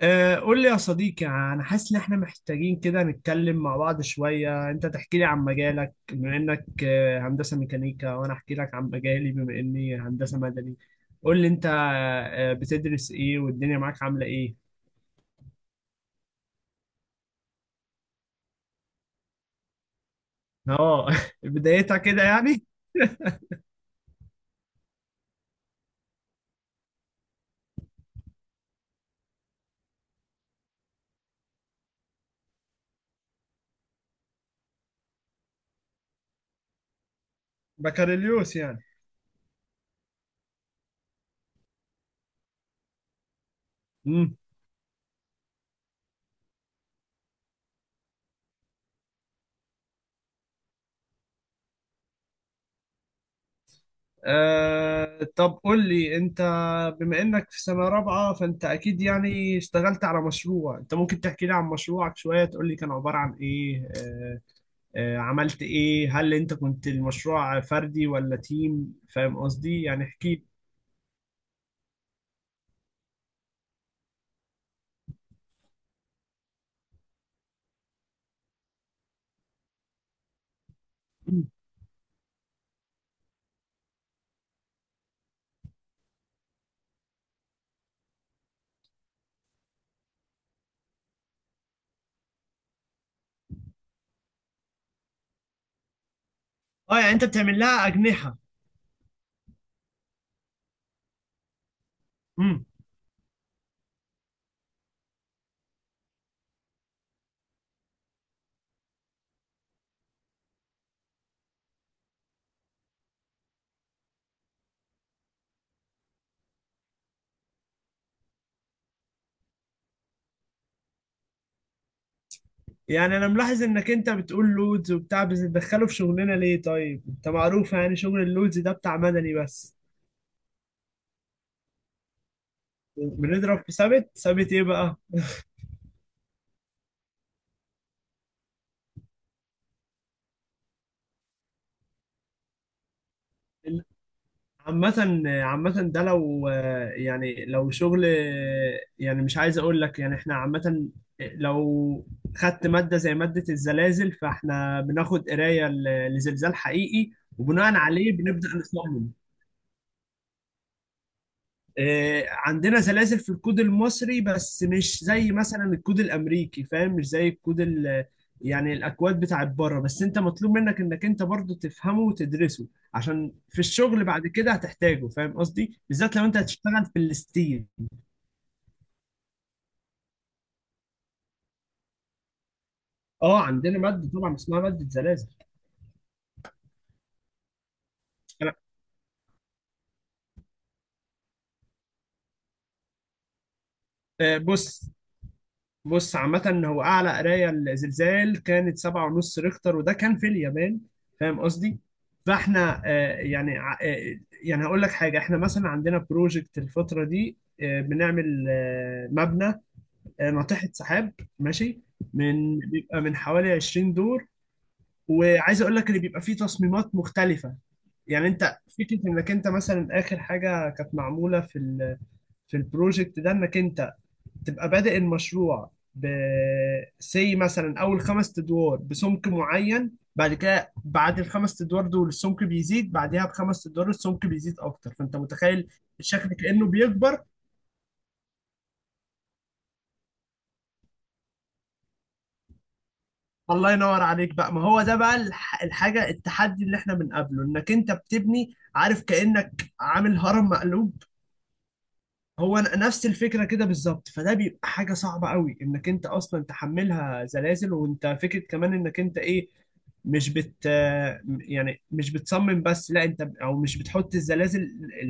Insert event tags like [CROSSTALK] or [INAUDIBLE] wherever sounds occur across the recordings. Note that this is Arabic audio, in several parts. قول لي يا صديقي، انا حاسس ان احنا محتاجين كده نتكلم مع بعض شوية. انت تحكي لي عن مجالك بما انك هندسة ميكانيكا، وانا احكي لك عن مجالي بما اني هندسة مدني. قول لي انت بتدرس ايه؟ والدنيا معاك عاملة ايه؟ اه [LAUGHS] بدايتها كده يعني. بكالوريوس يعني. امم. طب قول لي انت، بما انك في سنة رابعة فانت اكيد يعني اشتغلت على مشروع. انت ممكن تحكي لي عن مشروعك شوية، تقول لي كان عبارة عن ايه؟ عملت ايه؟ هل انت كنت المشروع فردي ولا تيم؟ فاهم قصدي؟ يعني احكي لي. اه، يعني انت بتعمل لها اجنحة. امم. يعني انا ملاحظ انك انت بتقول لودز وبتاع، بس بتدخله في شغلنا ليه؟ طيب انت معروف يعني شغل اللودز ده بتاع مدني بس. بنضرب في ثابت. ثابت ايه بقى؟ عامة عامة، ده لو يعني، لو شغل، يعني مش عايز اقول لك، يعني احنا عامة لو خدت مادة زي مادة الزلازل، فاحنا بناخد قراية لزلزال حقيقي، وبناء عليه بنبدأ نصمم. عندنا سلاسل في الكود المصري، بس مش زي مثلا الكود الامريكي، فاهم؟ مش زي الكود يعني الاكواد بتاعت بره، بس انت مطلوب منك انك انت برضو تفهمه وتدرسه، عشان في الشغل بعد كده هتحتاجه، فاهم قصدي؟ بالذات لو انت هتشتغل في الستيل. اه، عندنا ماده طبعا اسمها ماده سلاسل. أنا- بص. بص عامة، هو أعلى قراية لزلزال كانت سبعة ونص ريختر، وده كان في اليابان. فاهم قصدي؟ فاحنا يعني يعني هقول لك حاجة، احنا مثلا عندنا بروجكت الفترة دي. بنعمل مبنى، ناطحة سحاب. ماشي. من بيبقى من حوالي 20 دور، وعايز اقول لك اللي بيبقى فيه تصميمات مختلفة. يعني انت فكرة انك انت مثلا اخر حاجة كانت معمولة في في البروجكت ده، انك انت تبقى بادئ المشروع ب سي مثلا، اول خمس ادوار بسمك معين، بعد كده بعد الخمس ادوار دول السمك بيزيد، بعدها بخمس ادوار السمك بيزيد اكتر، فانت متخيل الشكل كانه بيكبر. الله ينور عليك بقى، ما هو ده بقى الحاجه التحدي اللي احنا بنقابله، انك انت بتبني عارف كانك عامل هرم مقلوب. هو نفس الفكره كده بالظبط، فده بيبقى حاجه صعبه قوي انك انت اصلا تحملها زلازل، وانت فكره كمان انك انت ايه، مش بت يعني مش بتصمم بس، لا انت، او مش بتحط الزلازل ال-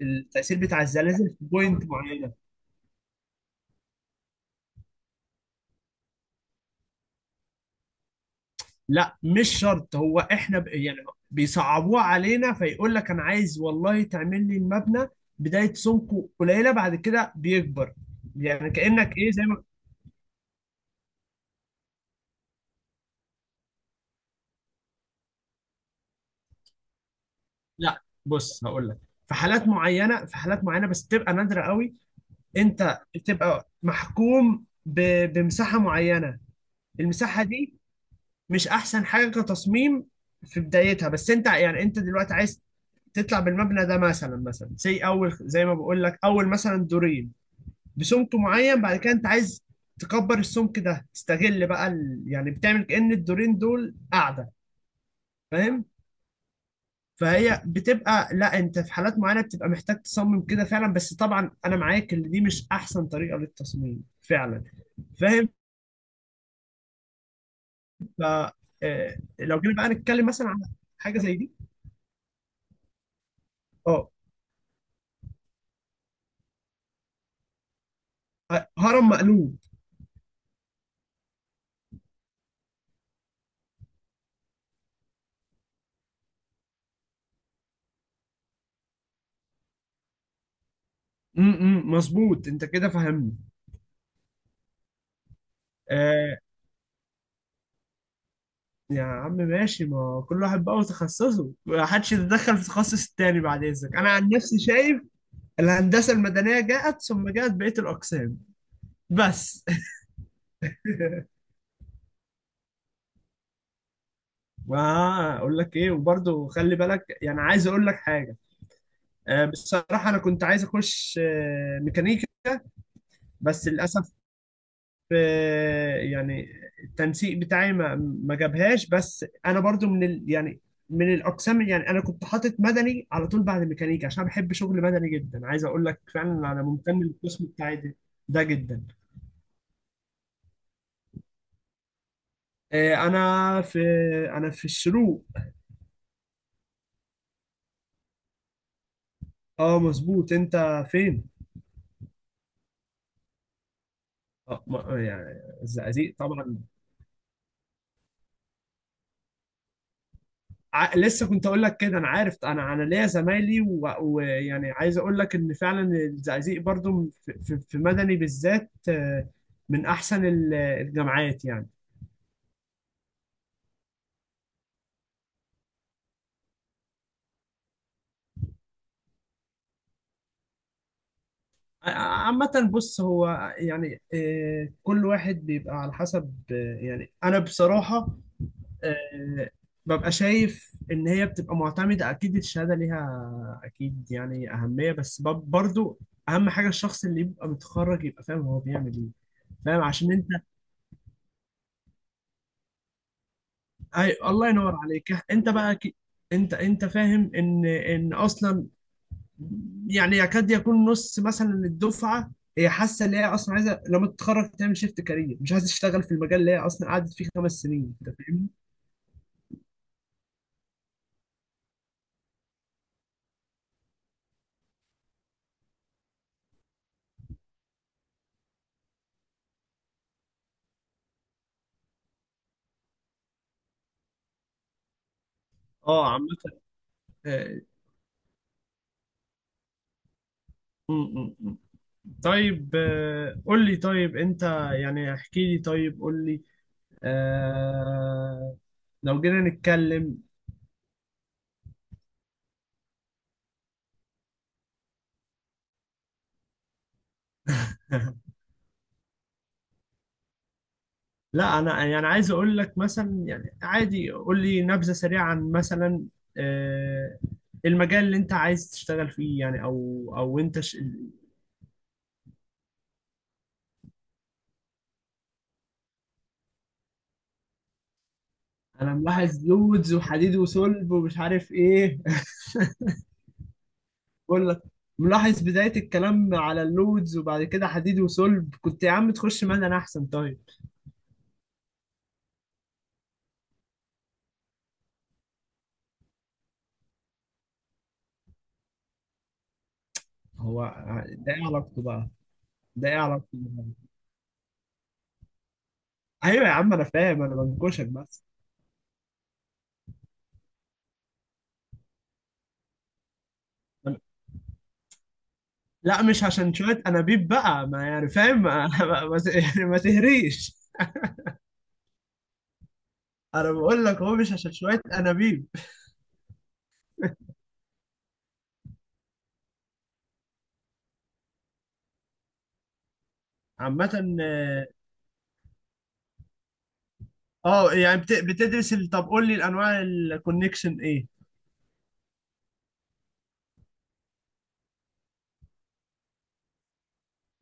ال- التأثير بتاع الزلازل في بوينت معينة. لا مش شرط، هو احنا يعني بيصعبوها علينا، فيقول لك انا عايز والله تعمل لي المبنى بداية سمكه قليلة، بعد كده بيكبر، يعني كأنك ايه زي ما، لا بص هقول لك، في حالات معينه، في حالات معينه بس بتبقى نادره قوي، انت بتبقى محكوم بمساحه معينه، المساحه دي مش احسن حاجه كتصميم في بدايتها، بس انت يعني انت دلوقتي عايز تطلع بالمبنى ده مثلا، مثلا زي اول، زي ما بقول لك اول، مثلا دورين بسمك معين، بعد كده انت عايز تكبر السمك ده، تستغل بقى يعني بتعمل كأن الدورين دول قاعده، فاهم؟ فهي بتبقى، لا انت في حالات معينه بتبقى محتاج تصمم كده فعلا، بس طبعا انا معاك ان دي مش احسن طريقه للتصميم فعلا. فاهم. ف لو جينا بقى نتكلم مثلا عن حاجه زي دي. اه. هرم مقلوب. امم، مظبوط، انت كده فهمني. آه. يا عم ماشي، ما كل واحد بقى وتخصصه، ما حدش يتدخل في تخصص التاني، بعد اذنك انا عن نفسي شايف الهندسه المدنيه جاءت، ثم جاءت بقيه الاقسام بس. [LAUGHS] واقول لك ايه وبرضه خلي بالك، يعني عايز اقول لك حاجه، بصراحه انا كنت عايز اخش ميكانيكا، بس للاسف يعني التنسيق بتاعي ما جابهاش، بس انا برضه من ال يعني، من الاقسام، يعني انا كنت حاطط مدني على طول بعد ميكانيكا، عشان أنا بحب شغل مدني جدا. عايز اقول لك فعلا انا ممتن للقسم بتاعي ده، ده جدا. انا في، انا في الشروق. اه مظبوط. انت فين؟ يعني الزقازيق طبعا. لسه كنت اقول لك كده، انا عارف، انا ليا زمايلي، ويعني عايز اقول لك ان فعلا الزقازيق برضو في مدني بالذات، من احسن الجامعات يعني. عامة بص، هو يعني كل واحد بيبقى على حسب، يعني انا بصراحة آه، ببقى شايف ان هي بتبقى معتمدة، اكيد الشهادة ليها اكيد يعني اهمية، بس برضو اهم حاجة الشخص اللي يبقى متخرج يبقى فاهم هو بيعمل ايه. فاهم؟ عشان انت، اي الله ينور عليك انت بقى انت فاهم ان ان اصلا، يعني يكاد يكون نص مثلا الدفعه هي حاسه ان هي اصلا عايزه لما تتخرج تعمل شيفت كارير، مش عايزه تشتغل في المجال اللي هي اصلا قعدت فيه خمس سنين. انت فاهمني؟ اه عامة، آه، م- م- م. طيب قول لي، طيب انت يعني احكي لي، طيب قول لي آه، لو جينا نتكلم. [LAUGHS] لا انا يعني عايز اقول لك مثلا، يعني عادي قول لي نبذه سريعه عن مثلا آه، المجال اللي انت عايز تشتغل فيه، يعني او او انت انا ملاحظ لودز وحديد وصلب ومش عارف ايه. [LAUGHS] بقول لك ملاحظ بدايه الكلام على اللودز، وبعد كده حديد وصلب، كنت يا عم تخش مدني احسن طيب. هو ده ايه علاقته بقى ده ايه علاقته بقى؟ ايوه يا عم انا فاهم، انا بنكشك بس. لا مش عشان شوية أنابيب بقى، ما يعني فاهم، يعني ما تهريش. أنا بقول لك هو مش عشان شوية أنابيب. عامة، آه، يعني بتدرس طب قول لي الأنواع، الكونكشن إيه؟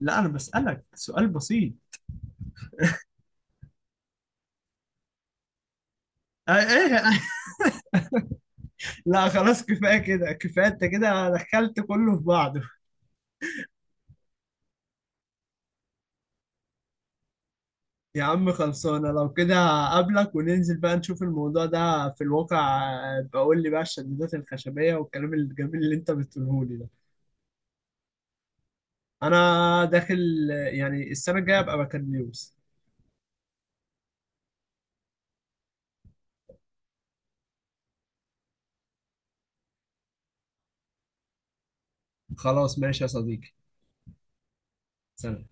لا أنا بسألك سؤال بسيط. آه إيه [LAUGHS] لا خلاص كفاية كده، كفاية أنت كده دخلت كله في بعضه. يا عم خلصانة لو كده، قابلك وننزل بقى نشوف الموضوع ده في الواقع. بقول لي بقى الشدادات الخشبية والكلام الجميل اللي أنت بتقوله لي ده. انا داخل، يعني السنه الجايه ابقى بكالوريوس. خلاص ماشي يا صديقي. سلام.